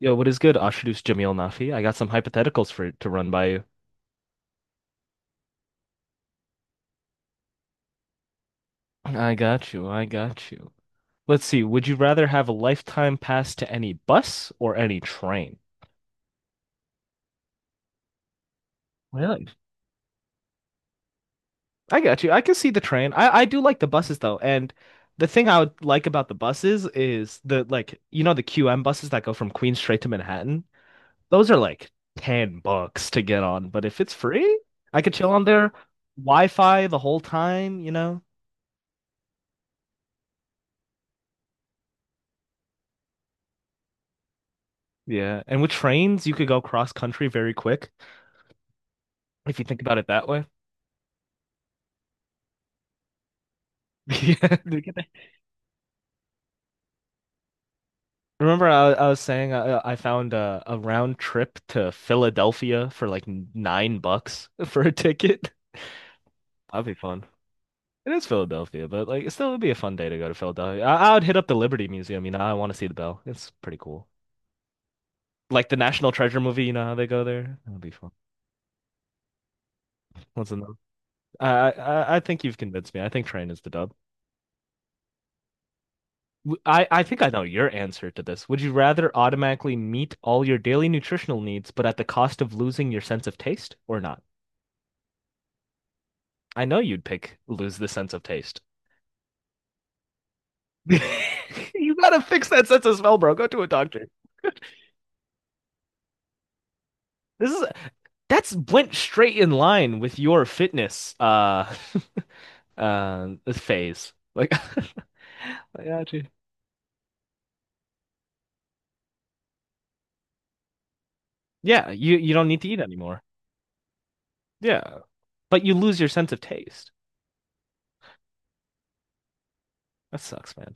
Yo, what is good, Ashiduce Jameel Nafi? I got some hypotheticals for to run by you. I got you. I got you. Let's see. Would you rather have a lifetime pass to any bus or any train? Really? I got you. I can see the train. I do like the buses though, and the thing I would like about the buses is the like you know the QM buses that go from Queens straight to Manhattan. Those are like 10 bucks to get on, but if it's free, I could chill on there, Wi-Fi the whole time, you know? Yeah, and with trains, you could go cross country very quick if you think about it that way. Yeah. Remember, I was saying I found a round trip to Philadelphia for like 9 bucks for a ticket. That'd be fun. It is Philadelphia, but like it still would be a fun day to go to Philadelphia. I would hit up the Liberty Museum, you know, I want to see the bell. It's pretty cool. Like the National Treasure movie, you know how they go there? That'd be fun. What's another? I think you've convinced me. I think train is the dub. I think I know your answer to this. Would you rather automatically meet all your daily nutritional needs, but at the cost of losing your sense of taste or not? I know you'd pick lose the sense of taste. You gotta fix that sense of smell, bro. Go to a doctor. This is that's went straight in line with your fitness uh phase. Like, I got you. Yeah, you don't need to eat anymore. Yeah, but you lose your sense of taste. That sucks, man.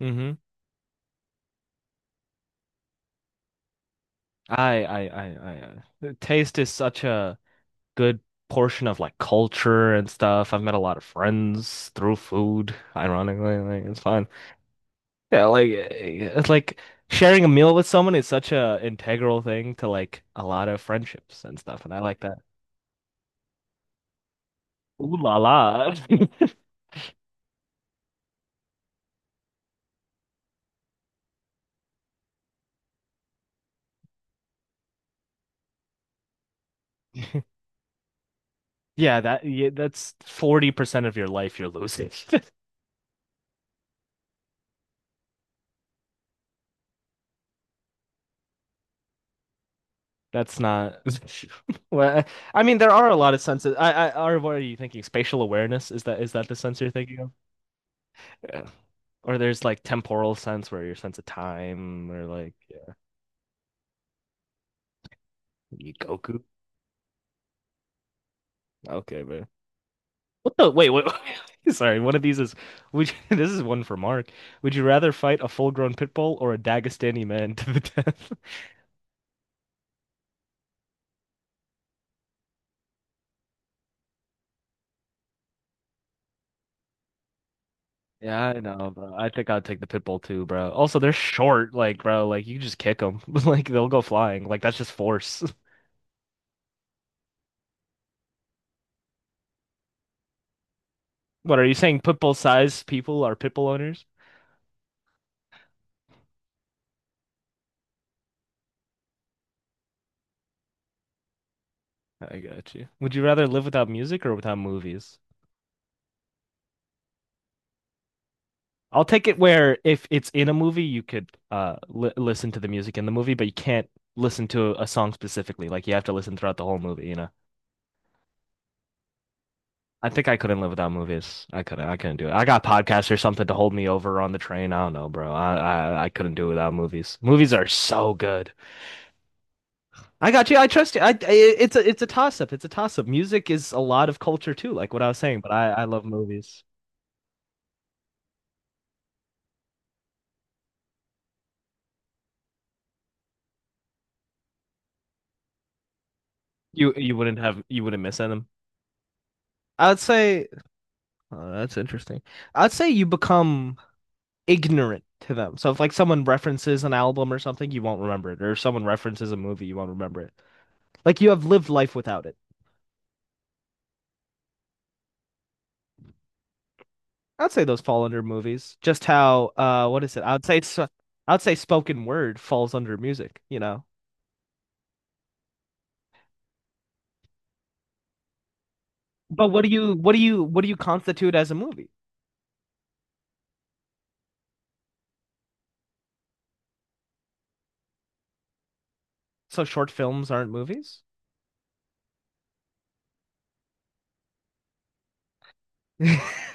hmm I, I, I, taste is such a good portion of like culture and stuff. I've met a lot of friends through food, ironically. Like, it's fun. Yeah, it's like sharing a meal with someone is such a integral thing to like a lot of friendships and stuff. And I like that. Ooh la la. Yeah, yeah, that's 40% of your life you're losing. That's not, well, I mean, there are a lot of senses. Are what are you thinking? Spatial awareness? Is that the sense you're thinking of? Yeah. Or there's like temporal sense where your sense of time or like you Goku. Okay, but what the sorry, one of these is this is one for Mark. Would you rather fight a full-grown pit bull or a Dagestani man to the death? Yeah, I know, bro. I think I'd take the pit bull too, bro. Also, they're short, like, bro, like you just kick them. Like they'll go flying. Like that's just force. What are you saying pit bull size people are pit bull owners? I got you. Would you rather live without music or without movies? I'll take it where if it's in a movie, you could li listen to the music in the movie, but you can't listen to a song specifically. Like you have to listen throughout the whole movie, you know. I think I couldn't live without movies. I couldn't. I couldn't do it. I got podcasts or something to hold me over on the train. I don't know, bro. I couldn't do it without movies. Movies are so good. I got you. I trust you. It's a toss up. It's a toss up. Music is a lot of culture too, like what I was saying. But I love movies. You wouldn't have you wouldn't miss them. I'd say oh, that's interesting. I'd say you become ignorant to them. So if like someone references an album or something, you won't remember it, or if someone references a movie, you won't remember it. Like you have lived life without it. I'd say those fall under movies. Just how what is it? I'd say spoken word falls under music. You know. But what do you constitute as a movie? So short films aren't movies?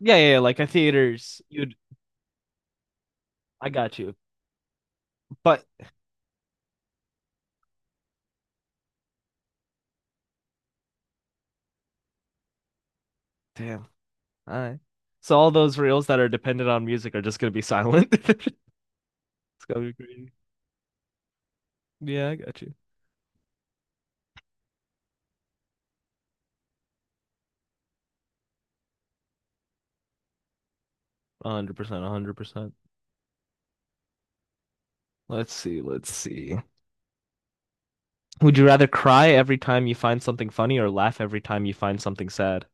Yeah, like a theaters. You'd I got you. But damn, all right. So all those reels that are dependent on music are just gonna be silent. It's gonna be crazy. Yeah, I got you. 100%, 100%. Let's see. Would you rather cry every time you find something funny or laugh every time you find something sad?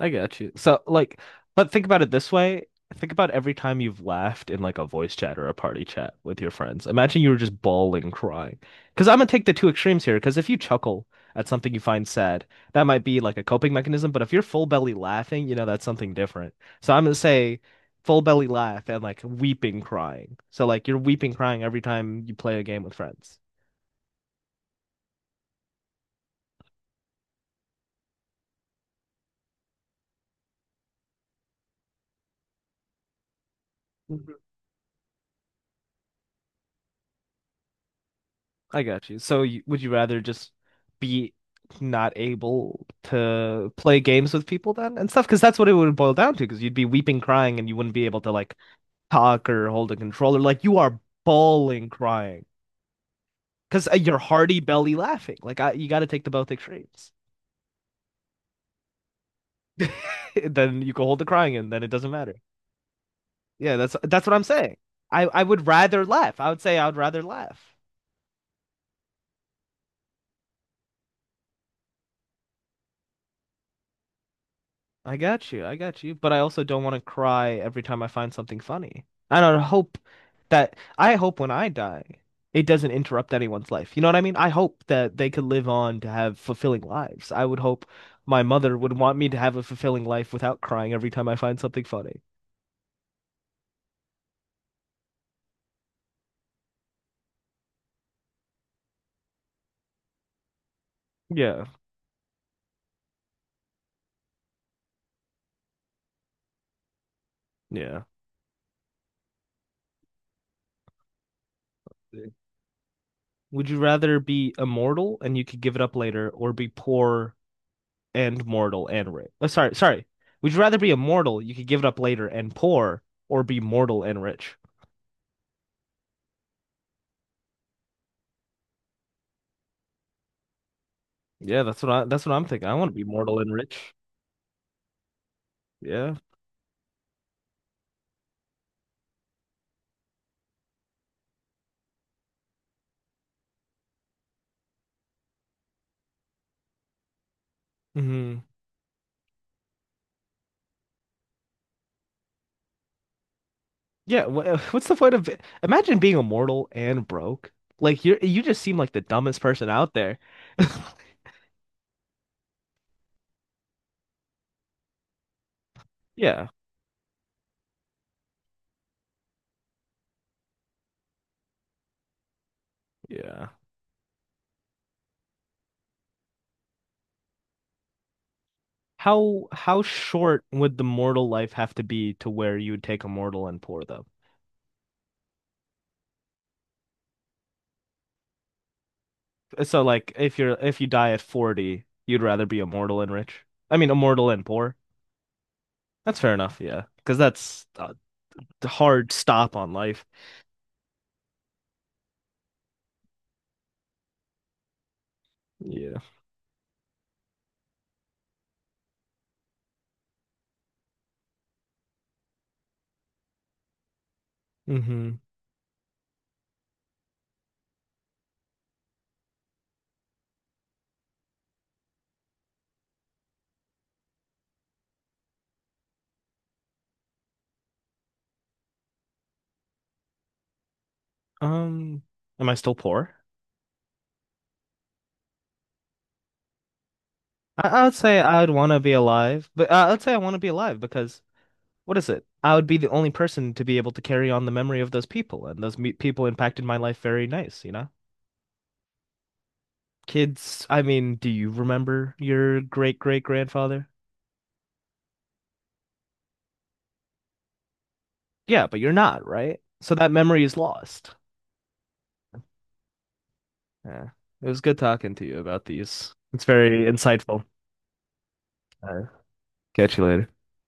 I got you. So, like, but think about it this way. Think about every time you've laughed in like a voice chat or a party chat with your friends. Imagine you were just bawling, crying. Because I'm gonna take the two extremes here. Because if you chuckle at something you find sad, that might be like a coping mechanism. But if you're full belly laughing, you know, that's something different. So I'm gonna say full belly laugh and like weeping, crying. So, like, you're weeping, crying every time you play a game with friends. Mhm. I got you. Would you rather just be not able to play games with people then and stuff? Because that's what it would boil down to. Because you'd be weeping, crying, and you wouldn't be able to like talk or hold a controller. Like you are bawling, crying because you're hearty belly laughing. You got to take the both extremes. Then you can hold the crying in. Then it doesn't matter. Yeah, that's what I'm saying. I would rather laugh. I would say I would rather laugh. I got you. I got you. But I also don't want to cry every time I find something funny. I hope when I die, it doesn't interrupt anyone's life. You know what I mean? I hope that they could live on to have fulfilling lives. I would hope my mother would want me to have a fulfilling life without crying every time I find something funny. Yeah. Yeah. Would you rather be immortal and you could give it up later or be poor and mortal and rich. Oh, sorry. Would you rather be immortal? You could give it up later and poor, or be mortal and rich. Yeah, That's what I'm thinking. I want to be mortal and rich. Yeah. hmm Yeah. What's the point of it? Imagine being immortal and broke. You just seem like the dumbest person out there. Yeah. Yeah. How short would the mortal life have to be to where you would take immortal and poor though? So like if you die at 40, you'd rather be immortal and rich. I mean immortal and poor. That's fair enough, yeah. Because that's a hard stop on life. Yeah. hmm Um, am I still poor? I would say I'd want to be alive, but I'd say I want to be alive because what is it? I would be the only person to be able to carry on the memory of those people, and those me people impacted my life very nice, you know? Kids, I mean, do you remember your great great grandfather? Yeah, but you're not, right? So that memory is lost. Yeah. It was good talking to you about these. It's very insightful. Uh, catch you later.